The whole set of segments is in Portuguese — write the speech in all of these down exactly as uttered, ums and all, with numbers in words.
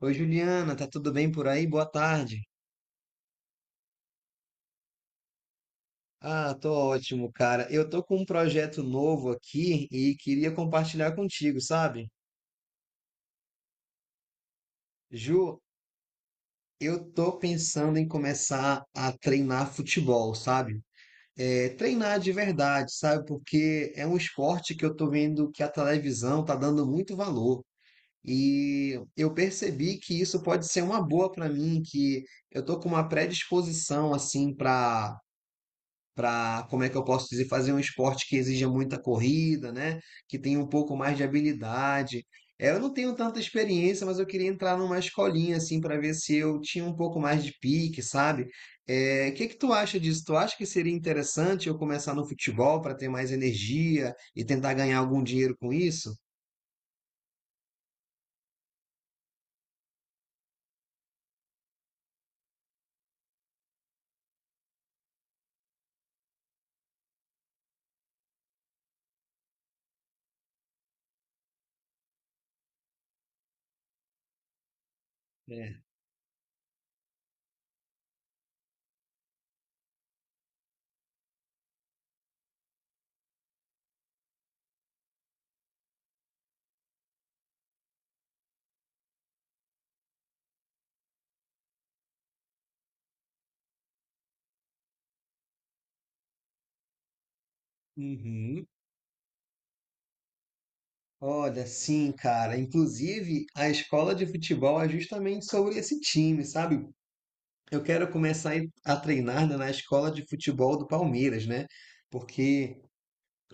Oi, Juliana, tá tudo bem por aí? Boa tarde. Ah, tô ótimo, cara. Eu tô com um projeto novo aqui e queria compartilhar contigo, sabe? Ju, eu tô pensando em começar a treinar futebol, sabe? É, treinar de verdade, sabe? Porque é um esporte que eu tô vendo que a televisão tá dando muito valor. E eu percebi que isso pode ser uma boa pra mim, que eu tô com uma predisposição assim para para, como é que eu posso dizer, fazer um esporte que exija muita corrida, né? Que tenha um pouco mais de habilidade. É, eu não tenho tanta experiência, mas eu queria entrar numa escolinha assim para ver se eu tinha um pouco mais de pique, sabe? É, o que que tu acha disso? Tu acha que seria interessante eu começar no futebol para ter mais energia e tentar ganhar algum dinheiro com isso? É. Uhum. Olha, sim, cara. Inclusive, a escola de futebol é justamente sobre esse time, sabe? Eu quero começar a ir- a treinar, né, na escola de futebol do Palmeiras, né? Porque,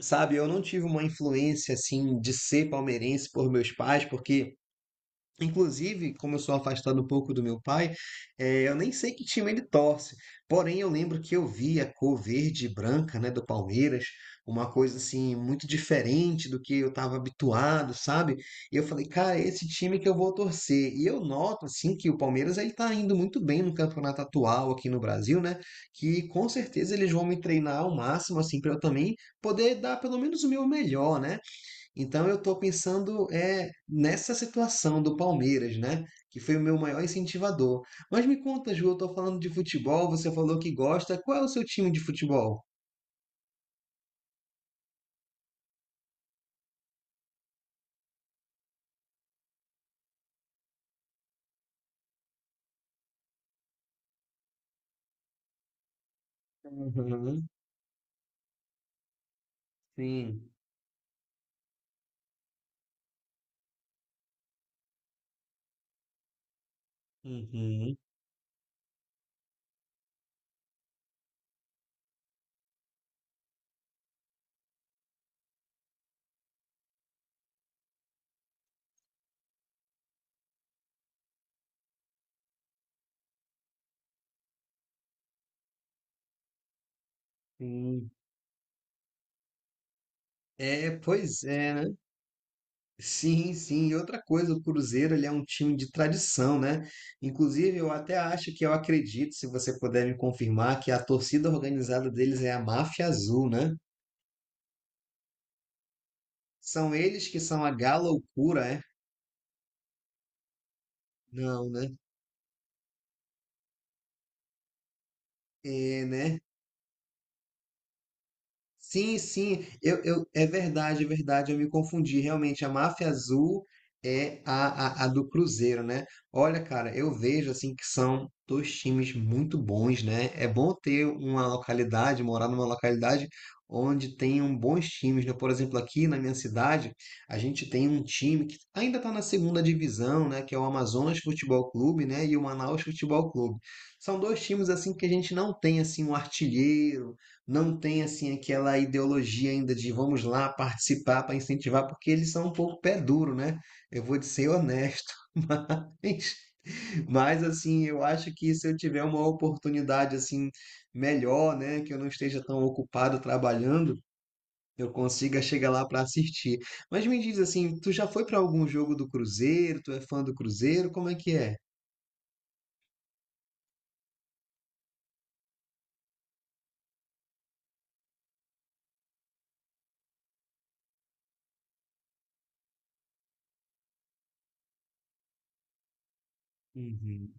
sabe, eu não tive uma influência assim de ser palmeirense por meus pais, porque inclusive, como eu sou afastado um pouco do meu pai, eh, eu nem sei que time ele torce. Porém, eu lembro que eu vi a cor verde e branca, né, do Palmeiras, uma coisa assim muito diferente do que eu estava habituado, sabe? E eu falei, cara, é esse time que eu vou torcer. E eu noto assim que o Palmeiras ele está indo muito bem no campeonato atual aqui no Brasil, né? Que com certeza eles vão me treinar ao máximo assim para eu também poder dar pelo menos o meu melhor, né? Então eu estou pensando é, nessa situação do Palmeiras, né? Que foi o meu maior incentivador. Mas me conta, Ju, eu estou falando de futebol, você falou que gosta. Qual é o seu time de futebol? Uhum, sim. Uhum, sim. É, pois é, né? Sim, sim. E outra coisa, o Cruzeiro, ele é um time de tradição, né? Inclusive, eu até acho que eu acredito, se você puder me confirmar, que a torcida organizada deles é a Máfia Azul, né? São eles que são a galoucura, é? Não, né? É, né? Sim, sim, eu, eu, é verdade, é verdade, eu me confundi. Realmente, a Máfia Azul é a, a, a do Cruzeiro, né? Olha, cara, eu vejo assim que são dois times muito bons, né? É bom ter uma localidade, morar numa localidade onde tenham bons times, né? Por exemplo, aqui na minha cidade, a gente tem um time que ainda está na segunda divisão, né? Que é o Amazonas Futebol Clube, né? E o Manaus Futebol Clube. São dois times assim que a gente não tem assim um artilheiro, não tem assim aquela ideologia ainda de vamos lá participar para incentivar, porque eles são um pouco pé duro, né? Eu vou ser honesto, mas, mas assim, eu acho que se eu tiver uma oportunidade assim melhor, né, que eu não esteja tão ocupado trabalhando, eu consiga chegar lá para assistir. Mas me diz assim, tu já foi para algum jogo do Cruzeiro? Tu é fã do Cruzeiro? Como é que é? Uhum,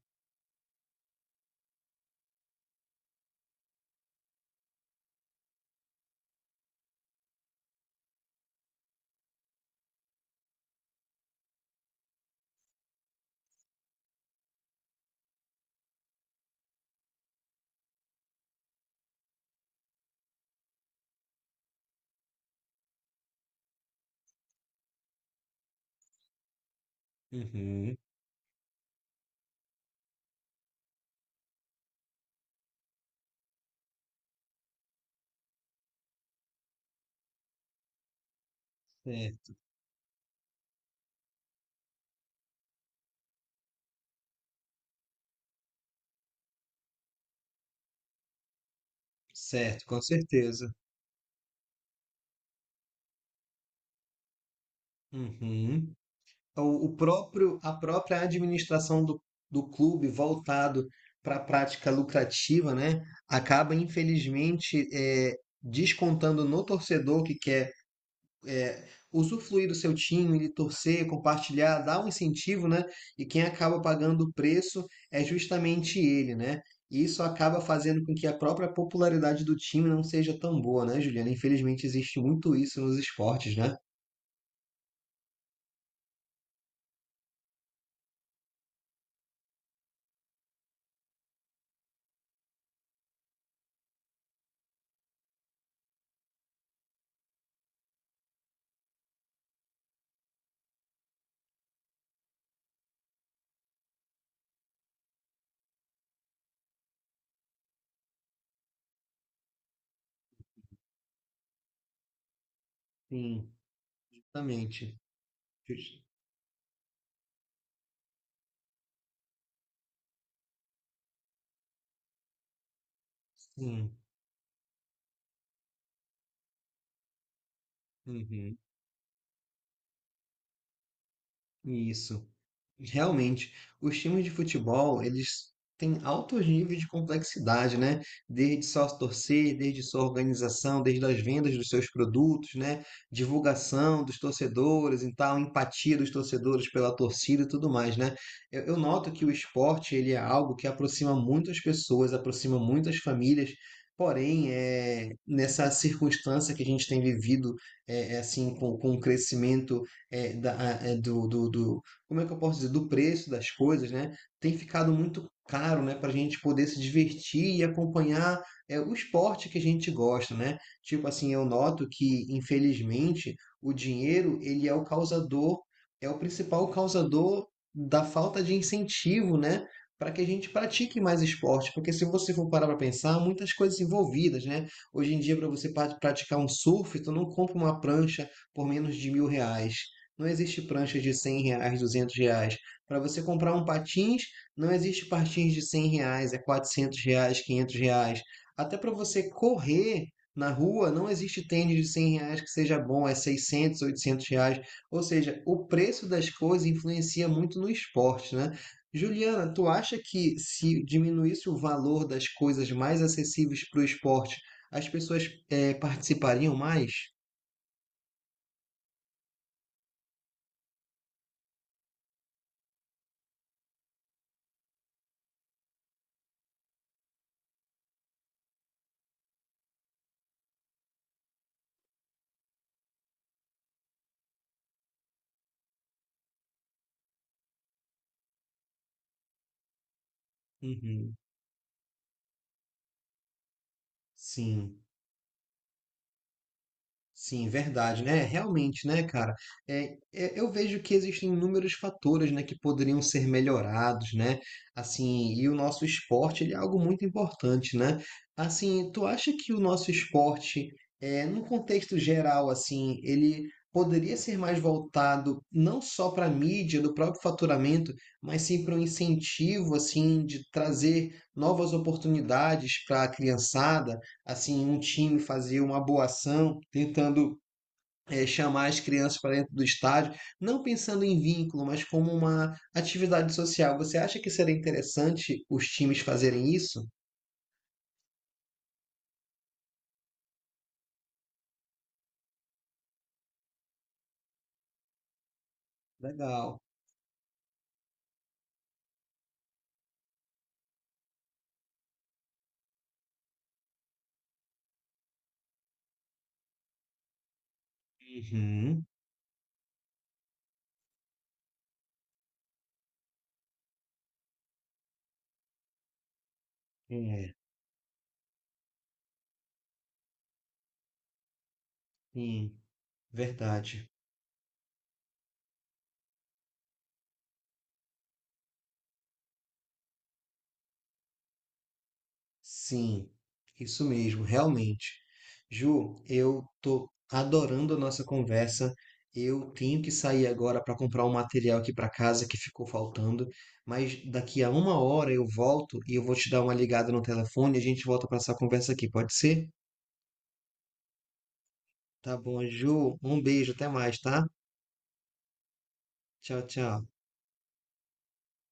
uhum, certo, certo, com certeza. Uhum. o o próprio, a própria administração do, do clube voltado para a prática lucrativa, né, acaba infelizmente eh, descontando no torcedor que quer eh, usufruir do seu time, ele torcer, compartilhar, dar um incentivo, né, e quem acaba pagando o preço é justamente ele, né. E isso acaba fazendo com que a própria popularidade do time não seja tão boa, né, Juliana? Infelizmente existe muito isso nos esportes, né? Sim, exatamente. Sim. Uhum, isso. Realmente, os times de futebol, eles têm altos níveis de complexidade, né? Desde sócio torcer, desde sua organização, desde as vendas dos seus produtos, né? Divulgação dos torcedores e tal, empatia dos torcedores pela torcida e tudo mais, né? Eu, eu noto que o esporte, ele é algo que aproxima muitas pessoas, aproxima muitas famílias. Porém, é, nessa circunstância que a gente tem vivido, é, é assim, com, com o crescimento é, da, é, do, do, do- como é que eu posso dizer, do preço das coisas, né? Tem ficado muito caro, né, para a gente poder se divertir e acompanhar é, o esporte que a gente gosta, né? Tipo assim, eu noto que, infelizmente, o dinheiro, ele é o causador, é o principal causador da falta de incentivo, né? Para que a gente pratique mais esporte, porque se você for parar para pensar, muitas coisas envolvidas, né? Hoje em dia, para você pra- praticar um surf, tu não compra uma prancha por menos de mil reais. Não existe prancha de cem reais, duzentos reais. Para você comprar um patins, não existe patins de cem reais, é quatrocentos reais, quinhentos reais. Até para você correr na rua, não existe tênis de cem reais que seja bom, é seiscentos, oitocentos reais. Ou seja, o preço das coisas influencia muito no esporte, né? Juliana, tu acha que se diminuísse o valor das coisas mais acessíveis para o esporte, as pessoas eh, participariam mais? Uhum, sim. Sim, verdade, né? Realmente, né, cara? É, é, eu vejo que existem inúmeros fatores, né, que poderiam ser melhorados, né? Assim, e o nosso esporte, ele é algo muito importante, né? Assim, tu acha que o nosso esporte, é, no contexto geral, assim, ele poderia ser mais voltado não só para a mídia, do próprio faturamento, mas sim para um incentivo, assim, de trazer novas oportunidades para a criançada? Assim um time fazia uma boa ação, tentando eh, chamar as crianças para dentro do estádio, não pensando em vínculo, mas como uma atividade social. Você acha que seria interessante os times fazerem isso? Legal. Uhum. É, sim, verdade. Sim, isso mesmo, realmente. Ju, eu tô adorando a nossa conversa. Eu tenho que sair agora para comprar um material aqui para casa que ficou faltando, mas daqui a uma hora eu volto e eu vou te dar uma ligada no telefone e a gente volta para essa conversa aqui, pode ser? Tá bom, Ju. Um beijo, até mais, tá? Tchau, tchau.